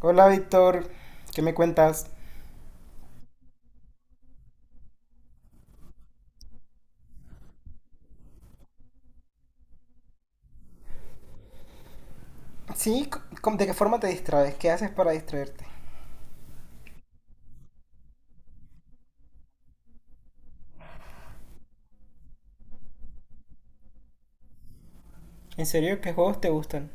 Hola Víctor, ¿qué me cuentas? Sí, de qué forma te distraes? ¿Qué haces para distraerte? ¿En serio qué juegos te gustan?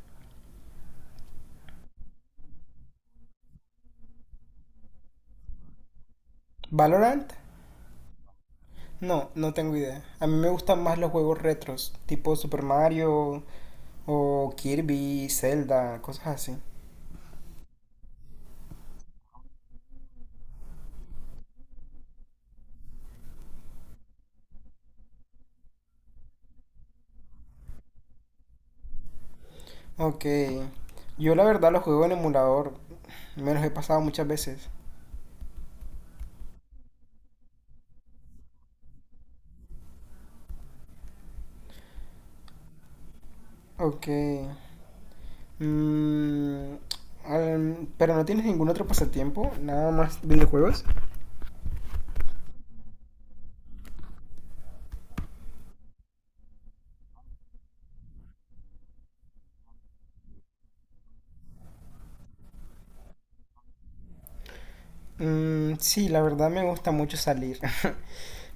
¿Valorant? No, no tengo idea. A mí me gustan más los juegos retros, tipo Super Mario o Kirby, Zelda, cosas así. Ok, yo la verdad los juego en emulador, me los he pasado muchas veces. Ok, mm, pero no tienes ningún otro pasatiempo, nada más videojuegos. Mm, sí, la verdad me gusta mucho salir.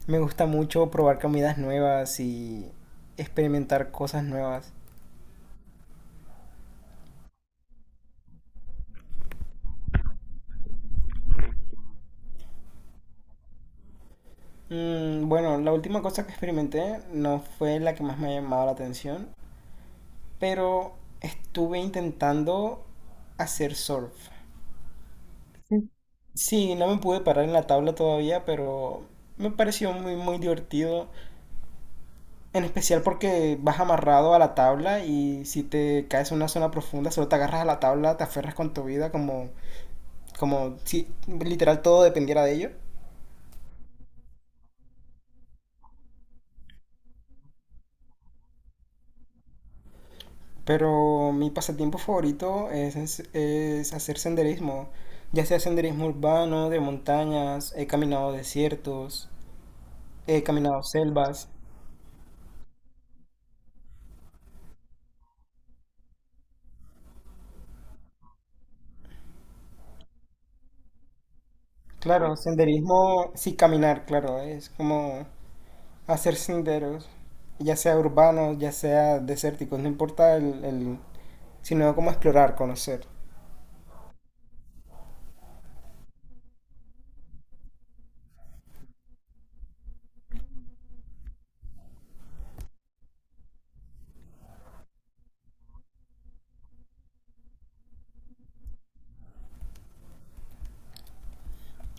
Me gusta mucho probar comidas nuevas y experimentar cosas nuevas. Mm, bueno, la última cosa que experimenté no fue la que más me ha llamado la atención, pero estuve intentando hacer surf. Sí, no me pude parar en la tabla todavía, pero me pareció muy, muy divertido. En especial porque vas amarrado a la tabla y si te caes en una zona profunda, solo te agarras a la tabla, te aferras con tu vida como como si literal todo dependiera de ello. Pero mi pasatiempo favorito es hacer senderismo. Ya sea senderismo urbano, de montañas, he caminado desiertos, he caminado selvas. Claro, senderismo, sí, caminar, claro, es como hacer senderos, ya sea urbanos, ya sea desérticos, no importa sino como explorar, conocer.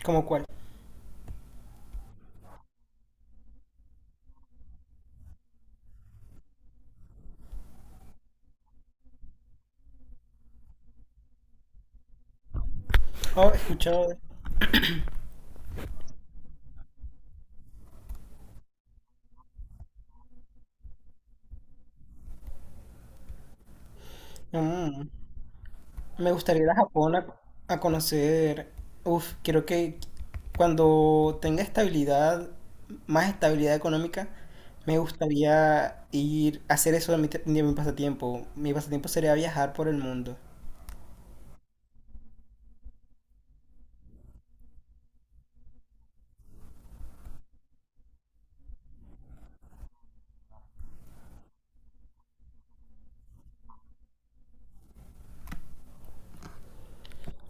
¿Como cuál? Oh, he escuchado. Mm. Me gustaría ir a Japón a conocer. Uf, creo que cuando tenga estabilidad, más estabilidad económica, me gustaría ir a hacer eso de de mi pasatiempo. Mi pasatiempo sería viajar por el mundo.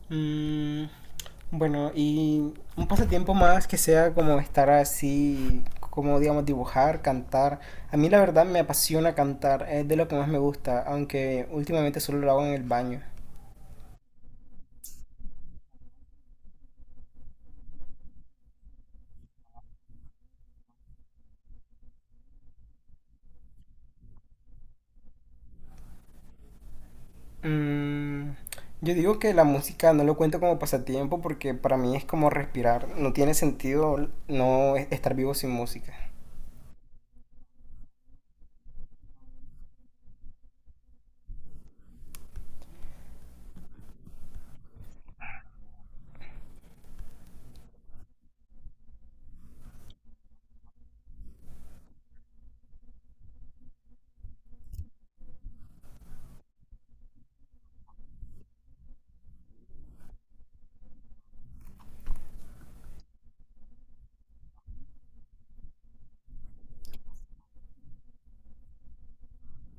Mm, bueno, y un pasatiempo más que sea como estar así, como digamos dibujar, cantar. A mí la verdad me apasiona cantar, es de lo que más me gusta, aunque últimamente solo lo hago en el baño. Mm, yo digo que la música no lo cuento como pasatiempo porque para mí es como respirar. No tiene sentido estar vivo sin música.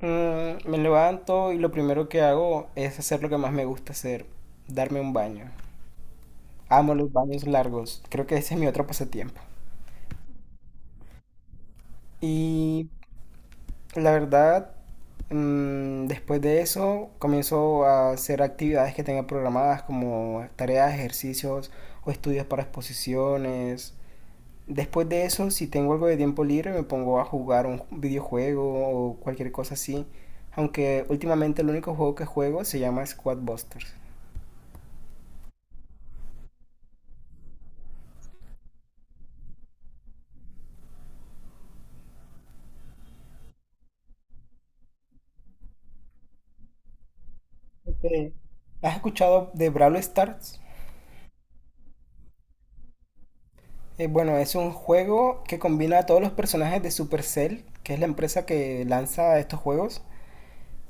Mm, me levanto y lo primero que hago es hacer lo que más me gusta hacer, darme un baño. Amo los baños largos. Creo que ese es mi otro pasatiempo. Y la verdad, mm, después de eso comienzo a hacer actividades que tenga programadas como tareas, ejercicios o estudios para exposiciones. Después de eso, si tengo algo de tiempo libre, me pongo a jugar un videojuego o cualquier cosa así. Aunque últimamente el único juego que juego se llama Squad Busters. Ok. ¿Has escuchado de Brawl Stars? Bueno, es un juego que combina a todos los personajes de Supercell, que es la empresa que lanza estos juegos,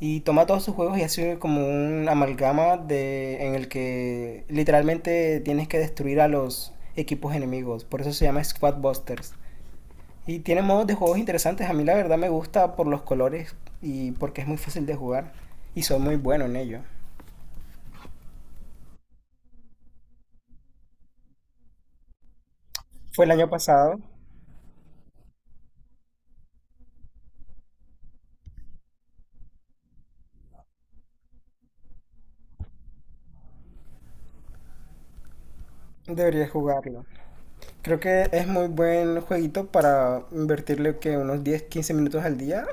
y toma todos sus juegos y hace como un amalgama de, en el que literalmente tienes que destruir a los equipos enemigos. Por eso se llama Squad Busters. Y tiene modos de juegos interesantes. A mí la verdad me gusta por los colores y porque es muy fácil de jugar. Y soy muy bueno en ello. Fue el año pasado. Debería jugarlo. Creo que es muy buen jueguito para invertirle que unos 10, 15 minutos al día.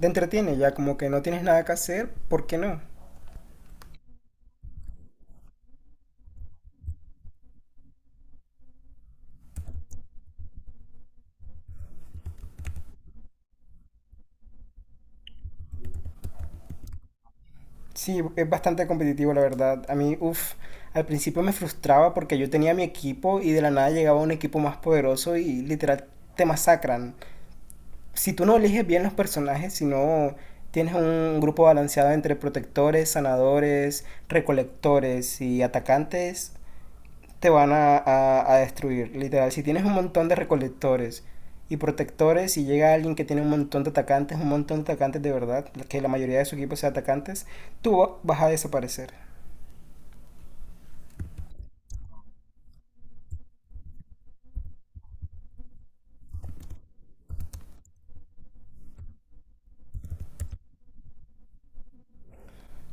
Te entretiene ya, como que no tienes nada que hacer, ¿por qué no? Sí, es bastante competitivo, la verdad. A mí, uff, al principio me frustraba porque yo tenía mi equipo y de la nada llegaba un equipo más poderoso y literal te masacran. Si tú no eliges bien los personajes, si no tienes un grupo balanceado entre protectores, sanadores, recolectores y atacantes, te van a destruir. Literal, si tienes un montón de recolectores y protectores y llega alguien que tiene un montón de atacantes, un montón de atacantes de verdad, que la mayoría de su equipo sea atacantes, tú vas a desaparecer.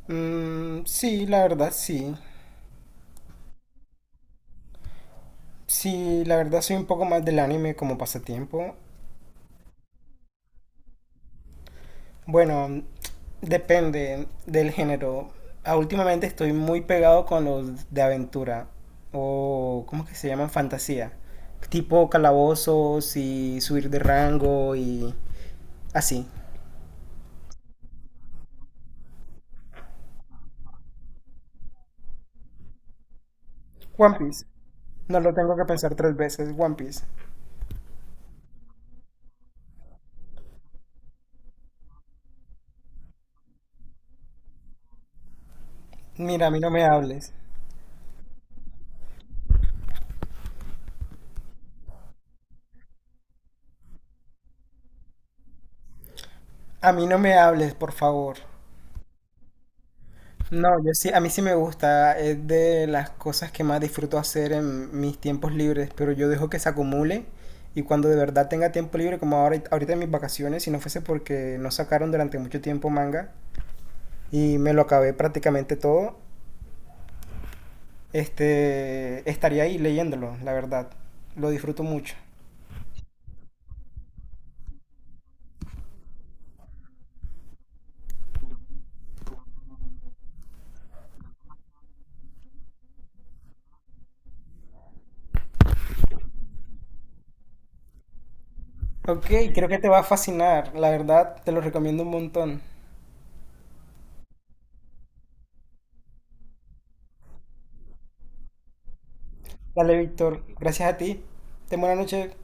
Mm, sí, la verdad sí. Sí, la verdad soy un poco más del anime como pasatiempo. Bueno, depende del género. Ah, últimamente estoy muy pegado con los de aventura o ¿cómo que se llaman? Fantasía. Tipo calabozos y subir de rango y así. One Piece. No lo tengo que pensar tres veces. One Piece. Mira, a mí no me hables. A mí no me hables, por favor. No, yo sí, a mí sí me gusta, es de las cosas que más disfruto hacer en mis tiempos libres, pero yo dejo que se acumule y cuando de verdad tenga tiempo libre, como ahora, ahorita en mis vacaciones, si no fuese porque no sacaron durante mucho tiempo manga y me lo acabé prácticamente todo, este, estaría ahí leyéndolo, la verdad, lo disfruto mucho. Ok, creo que te va a fascinar, la verdad, te lo recomiendo un montón. Dale, Víctor, gracias a ti, ten buena noche.